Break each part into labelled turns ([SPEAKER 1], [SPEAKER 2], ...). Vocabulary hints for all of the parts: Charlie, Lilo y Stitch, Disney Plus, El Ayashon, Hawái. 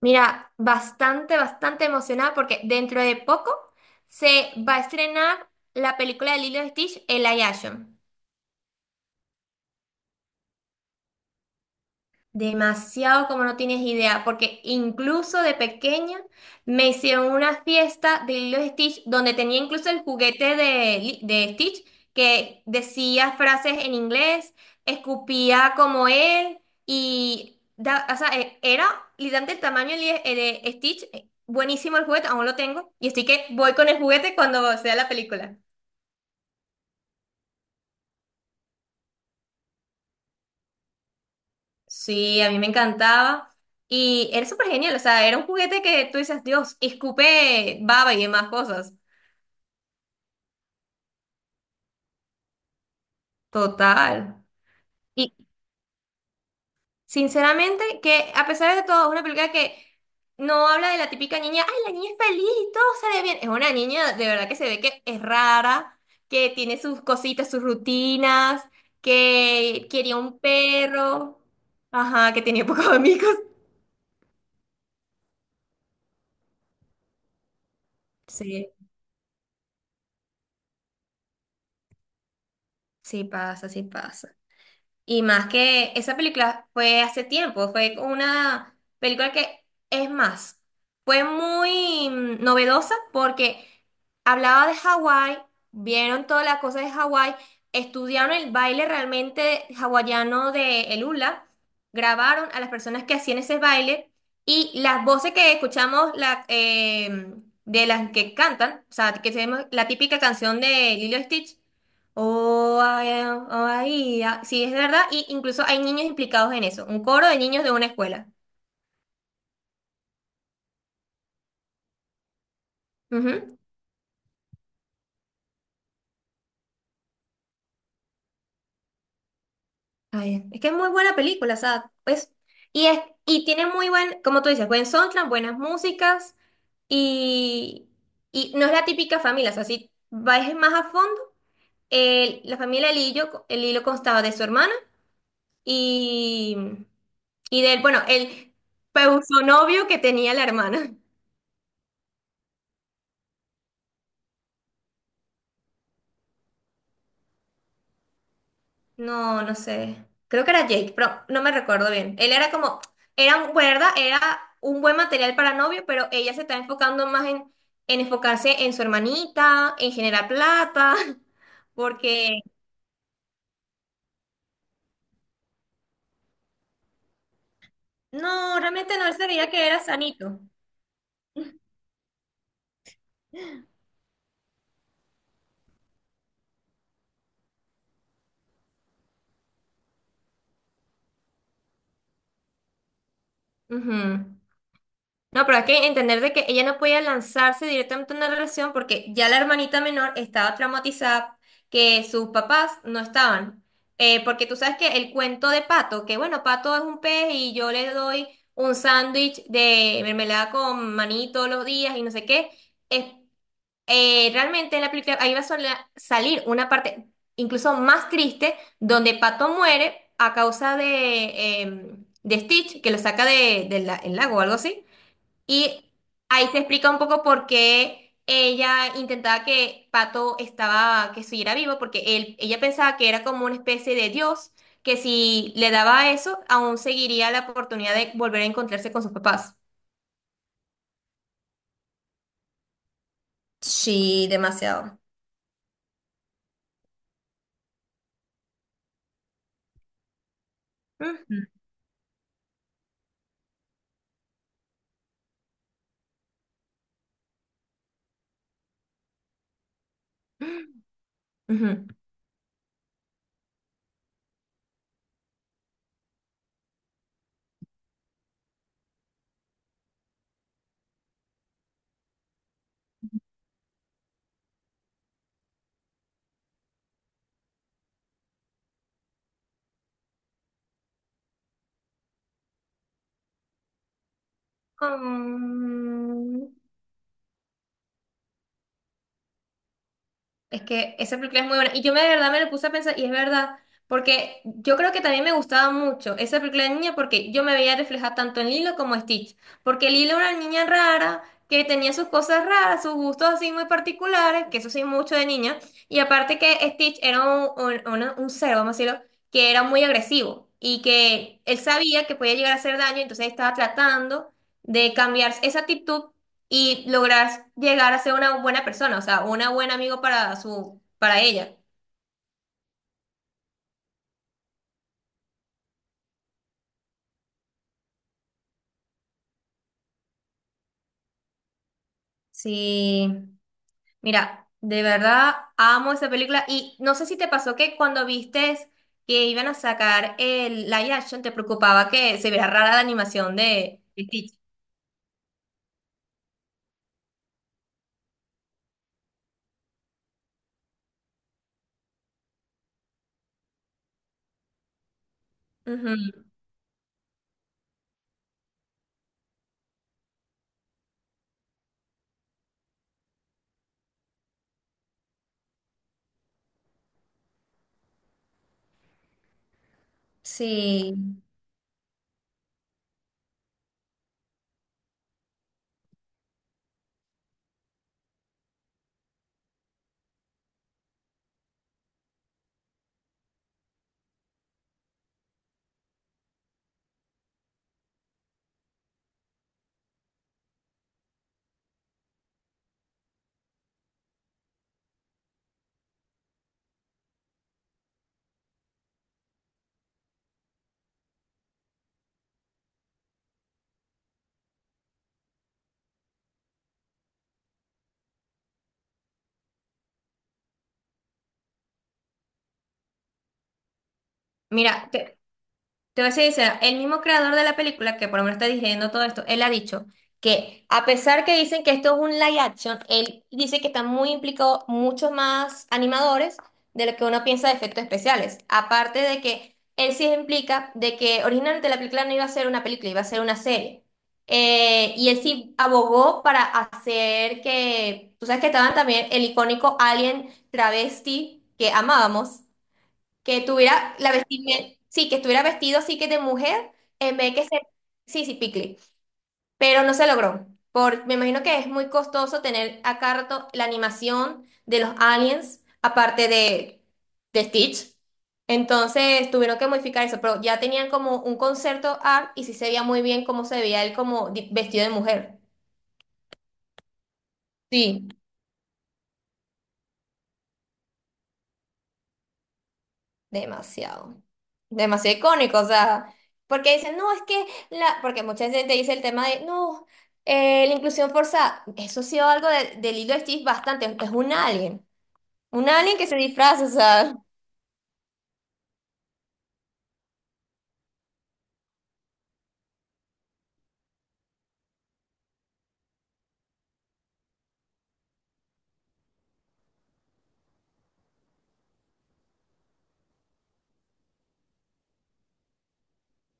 [SPEAKER 1] Mira, bastante, bastante emocionada porque dentro de poco se va a estrenar la película de Lilo y Stitch, El Ayashon. Demasiado como no tienes idea, porque incluso de pequeña me hicieron una fiesta de Lilo y Stitch donde tenía incluso el juguete de, de Stitch que decía frases en inglés, escupía como él y era literalmente el tamaño de, de Stitch. Buenísimo el juguete, aún lo tengo y estoy que voy con el juguete cuando sea la película. Sí, a mí me encantaba. Y era súper genial, o sea, era un juguete que tú dices, Dios, escupe baba y demás cosas. Total. Y sinceramente, que a pesar de todo, es una película que no habla de la típica niña, ay, la niña es feliz y todo sale bien. Es una niña de verdad que se ve que es rara, que tiene sus cositas, sus rutinas, que quería un perro, ajá, que tenía pocos amigos. Sí, sí pasa, sí pasa. Y más que esa película fue hace tiempo, fue una película que, es más, fue muy novedosa porque hablaba de Hawái, vieron toda la cosa de Hawái, estudiaron el baile realmente hawaiano de el hula, grabaron a las personas que hacían ese baile y las voces que escuchamos de las que cantan, o sea, que tenemos la típica canción de Lilo y Stitch. Oh, ay, ah, sí, es verdad. Y incluso hay niños implicados en eso. Un coro de niños de una escuela. Ujú. Ay, es que es muy buena película, o sea, pues, y, es, y tiene muy buen, como tú dices, buen soundtrack, buenas músicas. Y, y no es la típica familia, o sea, si vais más a fondo, la familia el hilo constaba de su hermana y, y del, bueno, el pseudo novio que tenía la hermana. No, no sé. Creo que era Jake, pero no me recuerdo bien. Él era como, era un, pues, ¿verdad? Era un buen material para novio, pero ella se está enfocando más en enfocarse en su hermanita, en generar plata, porque no, realmente no él se veía que era sanito. Ujú. No, pero hay que entender de que ella no podía lanzarse directamente a una relación porque ya la hermanita menor estaba traumatizada, que sus papás no estaban. Porque tú sabes que el cuento de Pato, que bueno, Pato es un pez y yo le doy un sándwich de mermelada con maní todos los días y no sé qué, es, realmente en la película ahí va a salir una parte incluso más triste donde Pato muere a causa de, de Stitch, que lo saca de, el lago o algo así. Y ahí se explica un poco por qué ella intentaba que Pato estaba, que siguiera vivo, porque él, ella pensaba que era como una especie de Dios, que si le daba eso, aún seguiría la oportunidad de volver a encontrarse con sus papás. Sí, demasiado. Mm. Mm. Ujú. Mm. Es que esa película es muy buena. Y yo me de verdad me lo puse a pensar, y es verdad, porque yo creo que también me gustaba mucho esa película de niña porque yo me veía reflejada tanto en Lilo como en Stitch. Porque Lilo era una niña rara, que tenía sus cosas raras, sus gustos así muy particulares, que eso sí, mucho de niña. Y aparte que Stitch era un ser, vamos a decirlo, que era muy agresivo y que él sabía que podía llegar a hacer daño, entonces estaba tratando de cambiar esa actitud y lograr llegar a ser una buena persona, o sea, una buena amigo para su, para ella. Sí, mira, de verdad amo esa película y no sé si te pasó que cuando vistes que iban a sacar el live action te preocupaba que se viera rara la animación de Stitch. Ujú. Sí. Mira, te voy a ser sincera, el mismo creador de la película, que por lo menos está dirigiendo todo esto, él ha dicho que a pesar que dicen que esto es un live action, él dice que están muy implicados muchos más animadores de lo que uno piensa de efectos especiales. Aparte de que él sí implica de que originalmente la película no iba a ser una película, iba a ser una serie. Y él sí abogó para hacer que, tú sabes que estaban también el icónico alien travesti que amábamos. Que tuviera la vestimenta, sí, que estuviera vestido así que de mujer, en vez que ser, sí, sí, picle, pero no se logró. Por, me imagino que es muy costoso tener a cada rato la animación de los aliens, aparte de Stitch. Entonces tuvieron que modificar eso, pero ya tenían como un concepto art y sí se veía muy bien cómo se veía él como vestido de mujer. Sí. Demasiado. Demasiado icónico, o sea, porque dicen, no, es que la, porque mucha gente dice el tema de, no, la inclusión forzada, eso ha sido algo del hilo de Steve bastante, es un alien que se disfraza, o sea.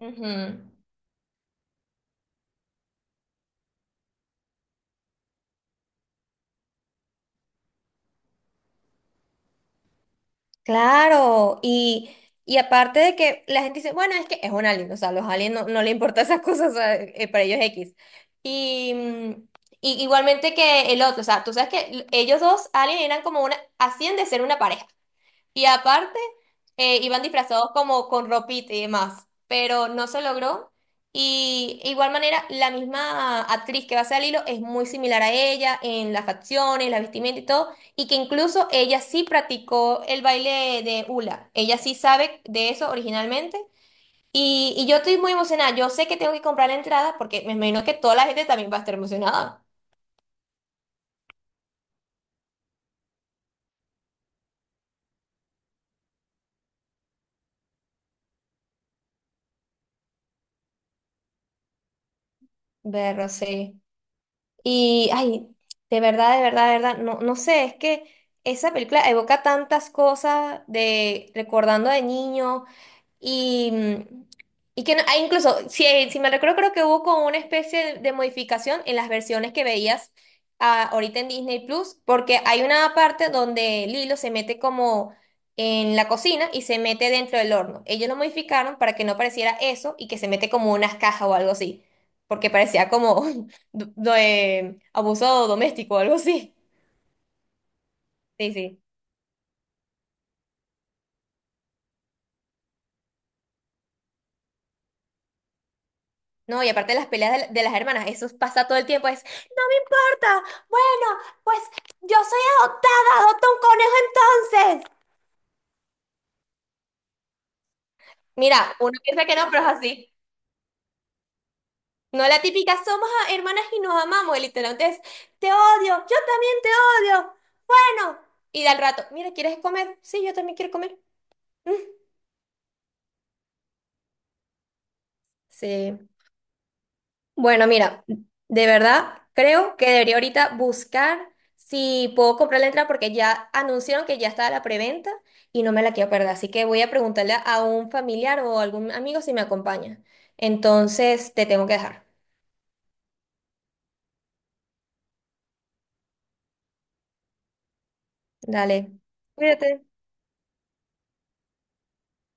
[SPEAKER 1] Ujú. Claro, y aparte de que la gente dice, bueno, es que es un alien, o sea, los aliens no, no le importan esas cosas, o sea, para ellos es X. Y, y igualmente que el otro, o sea, tú sabes que ellos dos, aliens, eran como una, hacían de ser una pareja. Y aparte, iban disfrazados como con ropita y demás, pero no se logró. Y igual manera, la misma actriz que va a ser Lilo es muy similar a ella en las facciones, la vestimenta y todo, y que incluso ella sí practicó el baile de hula. Ella sí sabe de eso originalmente. Y yo estoy muy emocionada. Yo sé que tengo que comprar la entrada porque me imagino que toda la gente también va a estar emocionada. Verlo, sí. Y, ay, de verdad, de verdad, de verdad, no, no sé, es que esa película evoca tantas cosas de recordando de niño, y, y que incluso, si, si me recuerdo, creo que hubo como una especie de modificación en las versiones que veías ahorita en Disney Plus, porque hay una parte donde Lilo se mete como en la cocina y se mete dentro del horno. Ellos lo modificaron para que no pareciera eso y que se mete como unas cajas o algo así, porque parecía como abuso doméstico o algo así. Sí, sí. No, y aparte de las peleas de, de las hermanas, eso pasa todo el tiempo, es, no me importa, bueno, pues yo soy adoptada, adopta un conejo entonces. Mira, uno piensa que no, pero es así. No la típica, somos hermanas y nos amamos, y literalmente es, te odio, yo también te odio, bueno. Y de al rato, mira, ¿quieres comer? Sí, yo también quiero comer. Mm, sí. Bueno, mira, de verdad creo que debería ahorita buscar si puedo comprar la entrada porque ya anunciaron que ya está la preventa y no me la quiero perder. Así que voy a preguntarle a un familiar o algún amigo si me acompaña. Entonces, te tengo que dejar. Dale. Cuídate.